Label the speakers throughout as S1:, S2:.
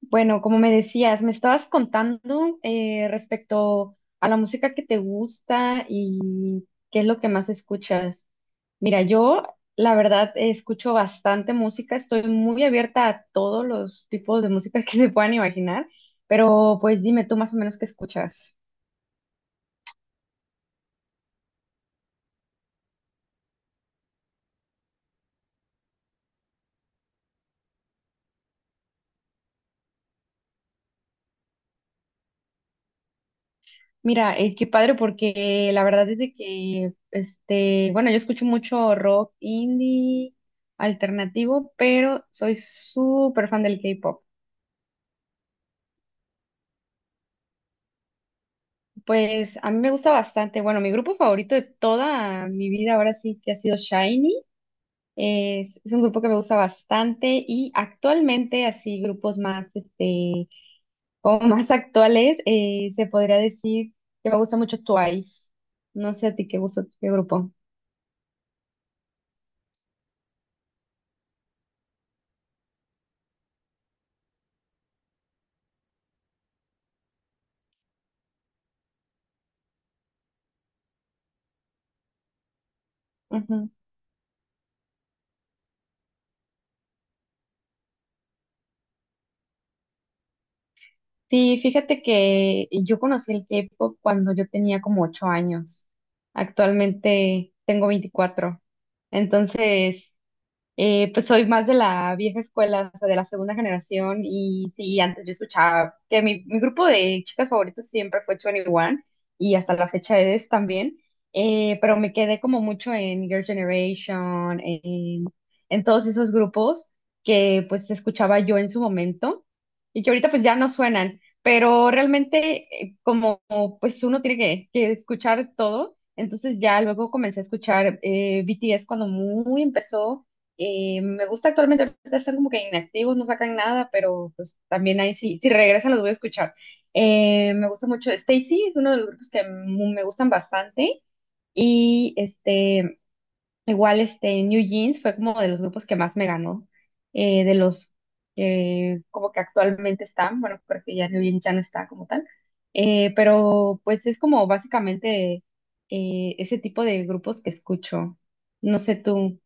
S1: Bueno, como me decías, me estabas contando respecto a la música que te gusta y qué es lo que más escuchas. Mira, yo la verdad escucho bastante música, estoy muy abierta a todos los tipos de música que se puedan imaginar, pero pues dime tú más o menos qué escuchas. Mira, qué padre porque la verdad es de que, este, bueno, yo escucho mucho rock indie alternativo, pero soy súper fan del K-pop. Pues a mí me gusta bastante. Bueno, mi grupo favorito de toda mi vida ahora sí que ha sido Shiny. Es un grupo que me gusta bastante y actualmente así grupos más, este, como más actuales, se podría decir que me gusta mucho Twice. No sé a ti qué gusto, qué grupo. Ujú. Sí, fíjate que yo conocí el K-pop cuando yo tenía como 8 años. Actualmente tengo veinticuatro. Entonces, pues soy más de la vieja escuela, o sea, de la segunda generación. Y sí, antes yo escuchaba que mi grupo de chicas favoritos siempre fue 21 y hasta la fecha es también. Pero me quedé como mucho en Girl Generation, en todos esos grupos que pues escuchaba yo en su momento y que ahorita pues ya no suenan. Pero realmente como pues uno tiene que escuchar todo, entonces ya luego comencé a escuchar BTS cuando muy empezó. Me gusta actualmente, ahorita están como que inactivos, no sacan nada, pero pues también ahí sí, si regresan los voy a escuchar. Me gusta mucho, Stacy es uno de los grupos que me gustan bastante y este, igual este, New Jeans fue como de los grupos que más me ganó, de los que como que actualmente están, bueno, porque ya New Jeans ya no está como tal, pero pues es como básicamente ese tipo de grupos que escucho. No sé tú.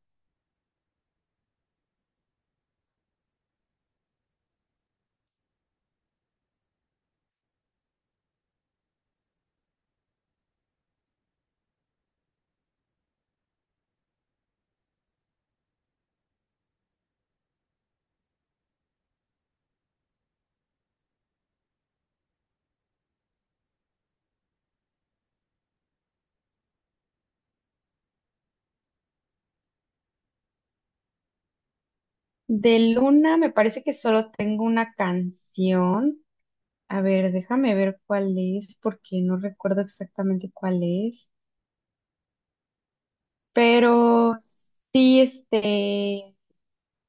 S1: De Luna me parece que solo tengo una canción. A ver, déjame ver cuál es, porque no recuerdo exactamente cuál es. Pero sí, este,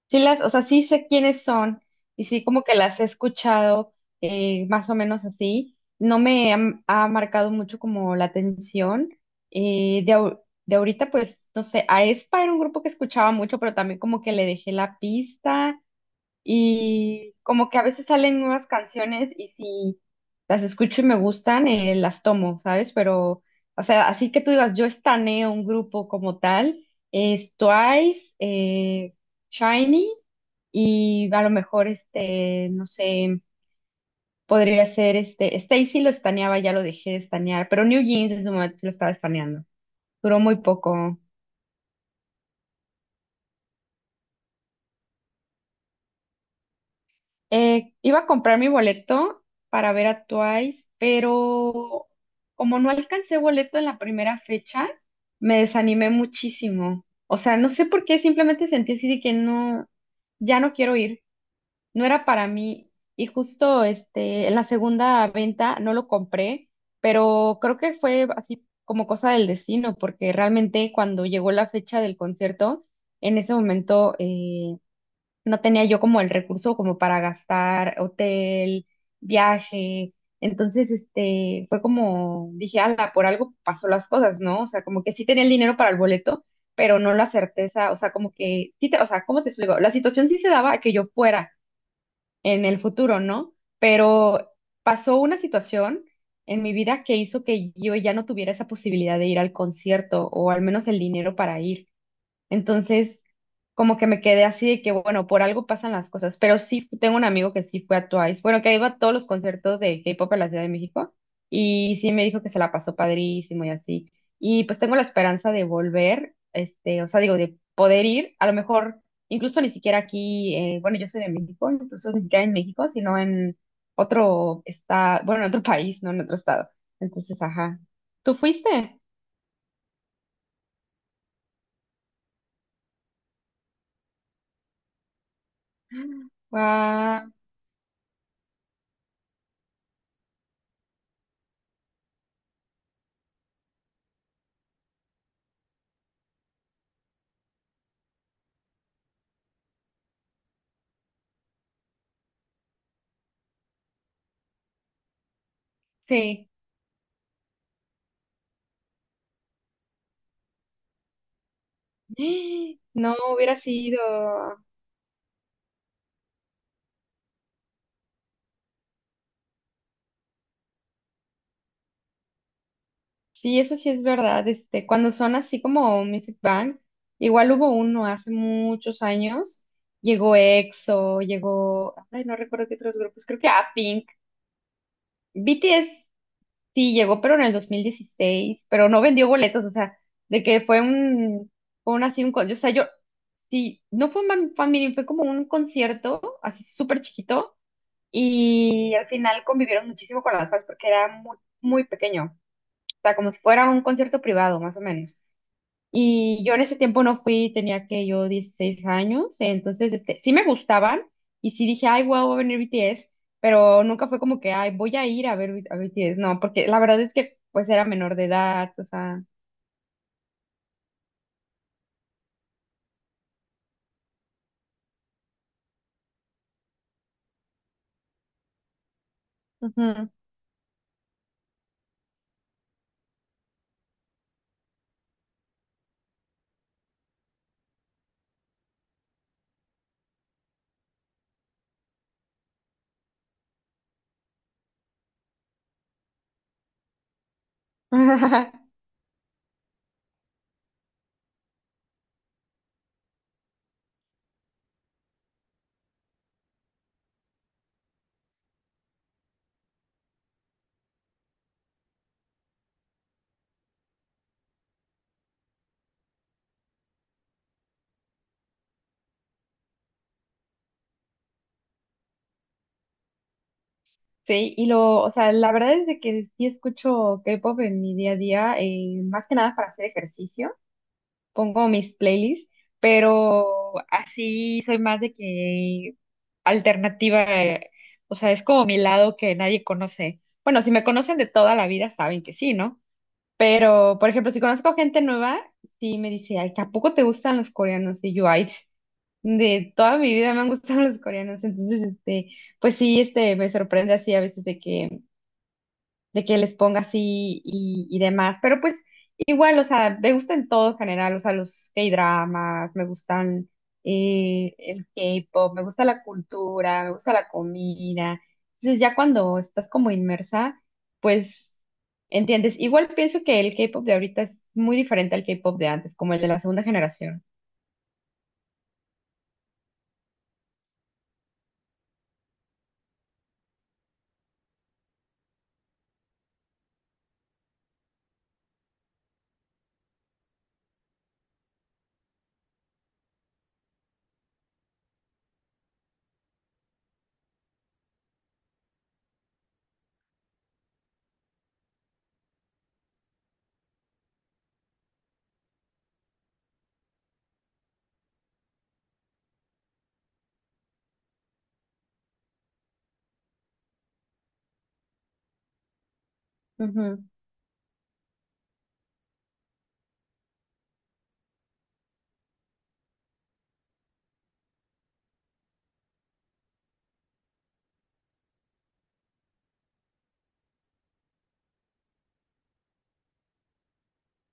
S1: sí las, o sea, sí sé quiénes son y sí como que las he escuchado más o menos así. No me ha, ha marcado mucho como la atención. De ahorita, pues, no sé, a Aespa era un grupo que escuchaba mucho, pero también como que le dejé la pista. Y como que a veces salen nuevas canciones y si las escucho y me gustan, las tomo, ¿sabes? Pero, o sea, así que tú digas, yo estaneo un grupo como tal, es Twice, Shiny y a lo mejor, este, no sé, podría ser, este, Stacy lo estaneaba, ya lo dejé de estanear, pero New Jeans en su momento sí lo estaba estaneando, duró muy poco. Iba a comprar mi boleto para ver a Twice, pero como no alcancé boleto en la primera fecha, me desanimé muchísimo. O sea, no sé por qué, simplemente sentí así de que no, ya no quiero ir, no era para mí. Y justo este, en la segunda venta no lo compré, pero creo que fue así como cosa del destino, porque realmente cuando llegó la fecha del concierto, en ese momento no tenía yo como el recurso como para gastar hotel, viaje. Entonces, este, fue como, dije, ala, por algo pasó las cosas, ¿no? O sea, como que sí tenía el dinero para el boleto, pero no la certeza, o sea, como que, sí te, o sea, ¿cómo te explico? La situación sí se daba a que yo fuera en el futuro, ¿no? Pero pasó una situación en mi vida que hizo que yo ya no tuviera esa posibilidad de ir al concierto, o al menos el dinero para ir. Entonces, como que me quedé así de que, bueno, por algo pasan las cosas, pero sí tengo un amigo que sí fue a Twice, bueno, que ha ido a todos los conciertos de K-pop en la Ciudad de México y sí me dijo que se la pasó padrísimo y así. Y pues tengo la esperanza de volver, este, o sea, digo, de poder ir, a lo mejor incluso ni siquiera aquí, bueno, yo soy de México, incluso ni siquiera en México, sino en otro estado, bueno, en otro país, no en otro estado. Entonces, ajá. ¿Tú fuiste? Wow, sí. ¡Ah! No hubiera sido. Sí, eso sí es verdad. Este, cuando son así como Music Bank, igual hubo uno hace muchos años. Llegó EXO, llegó, ay, no recuerdo qué otros grupos, creo que a Pink. BTS sí llegó, pero en el 2016, pero no vendió boletos, o sea, de que fue un así un, o sea, yo, sí, no fue un fan meeting, fue como un concierto así súper chiquito. Y al final convivieron muchísimo con las fans porque era muy, muy pequeño, o sea, como si fuera un concierto privado, más o menos. Y yo en ese tiempo no fui, tenía que yo 16 años, entonces este, sí me gustaban y sí dije, ay, wow, va a venir BTS, pero nunca fue como que, ay, voy a ir a ver a BTS, no, porque la verdad es que pues era menor de edad, o sea. Ujú. Sí, y lo, o sea, la verdad es de que sí escucho K-pop en mi día a día, más que nada para hacer ejercicio. Pongo mis playlists, pero así soy más de que alternativa, o sea, es como mi lado que nadie conoce. Bueno, si me conocen de toda la vida, saben que sí, ¿no? Pero, por ejemplo, si conozco gente nueva, sí me dice, ay, ¿tampoco te gustan los coreanos? Y yo, ay, de toda mi vida me han gustado los coreanos. Entonces, este, pues sí, este, me sorprende así a veces de que les ponga así y demás. Pero pues igual, o sea, me gusta en todo en general, o sea, los K-dramas, me gustan el K-pop, me gusta la cultura, me gusta la comida. Entonces ya cuando estás como inmersa, pues entiendes. Igual pienso que el K-pop de ahorita es muy diferente al K-pop de antes, como el de la segunda generación.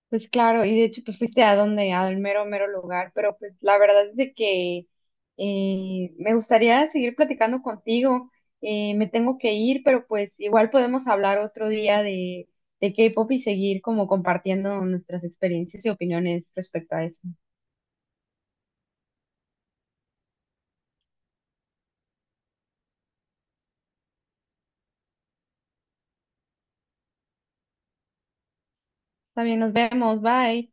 S1: Pues claro, y de hecho, pues fuiste a donde, al mero, mero lugar, pero pues la verdad es de que me gustaría seguir platicando contigo. Me tengo que ir, pero pues igual podemos hablar otro día de K-pop y seguir como compartiendo nuestras experiencias y opiniones respecto a eso. También nos vemos, bye.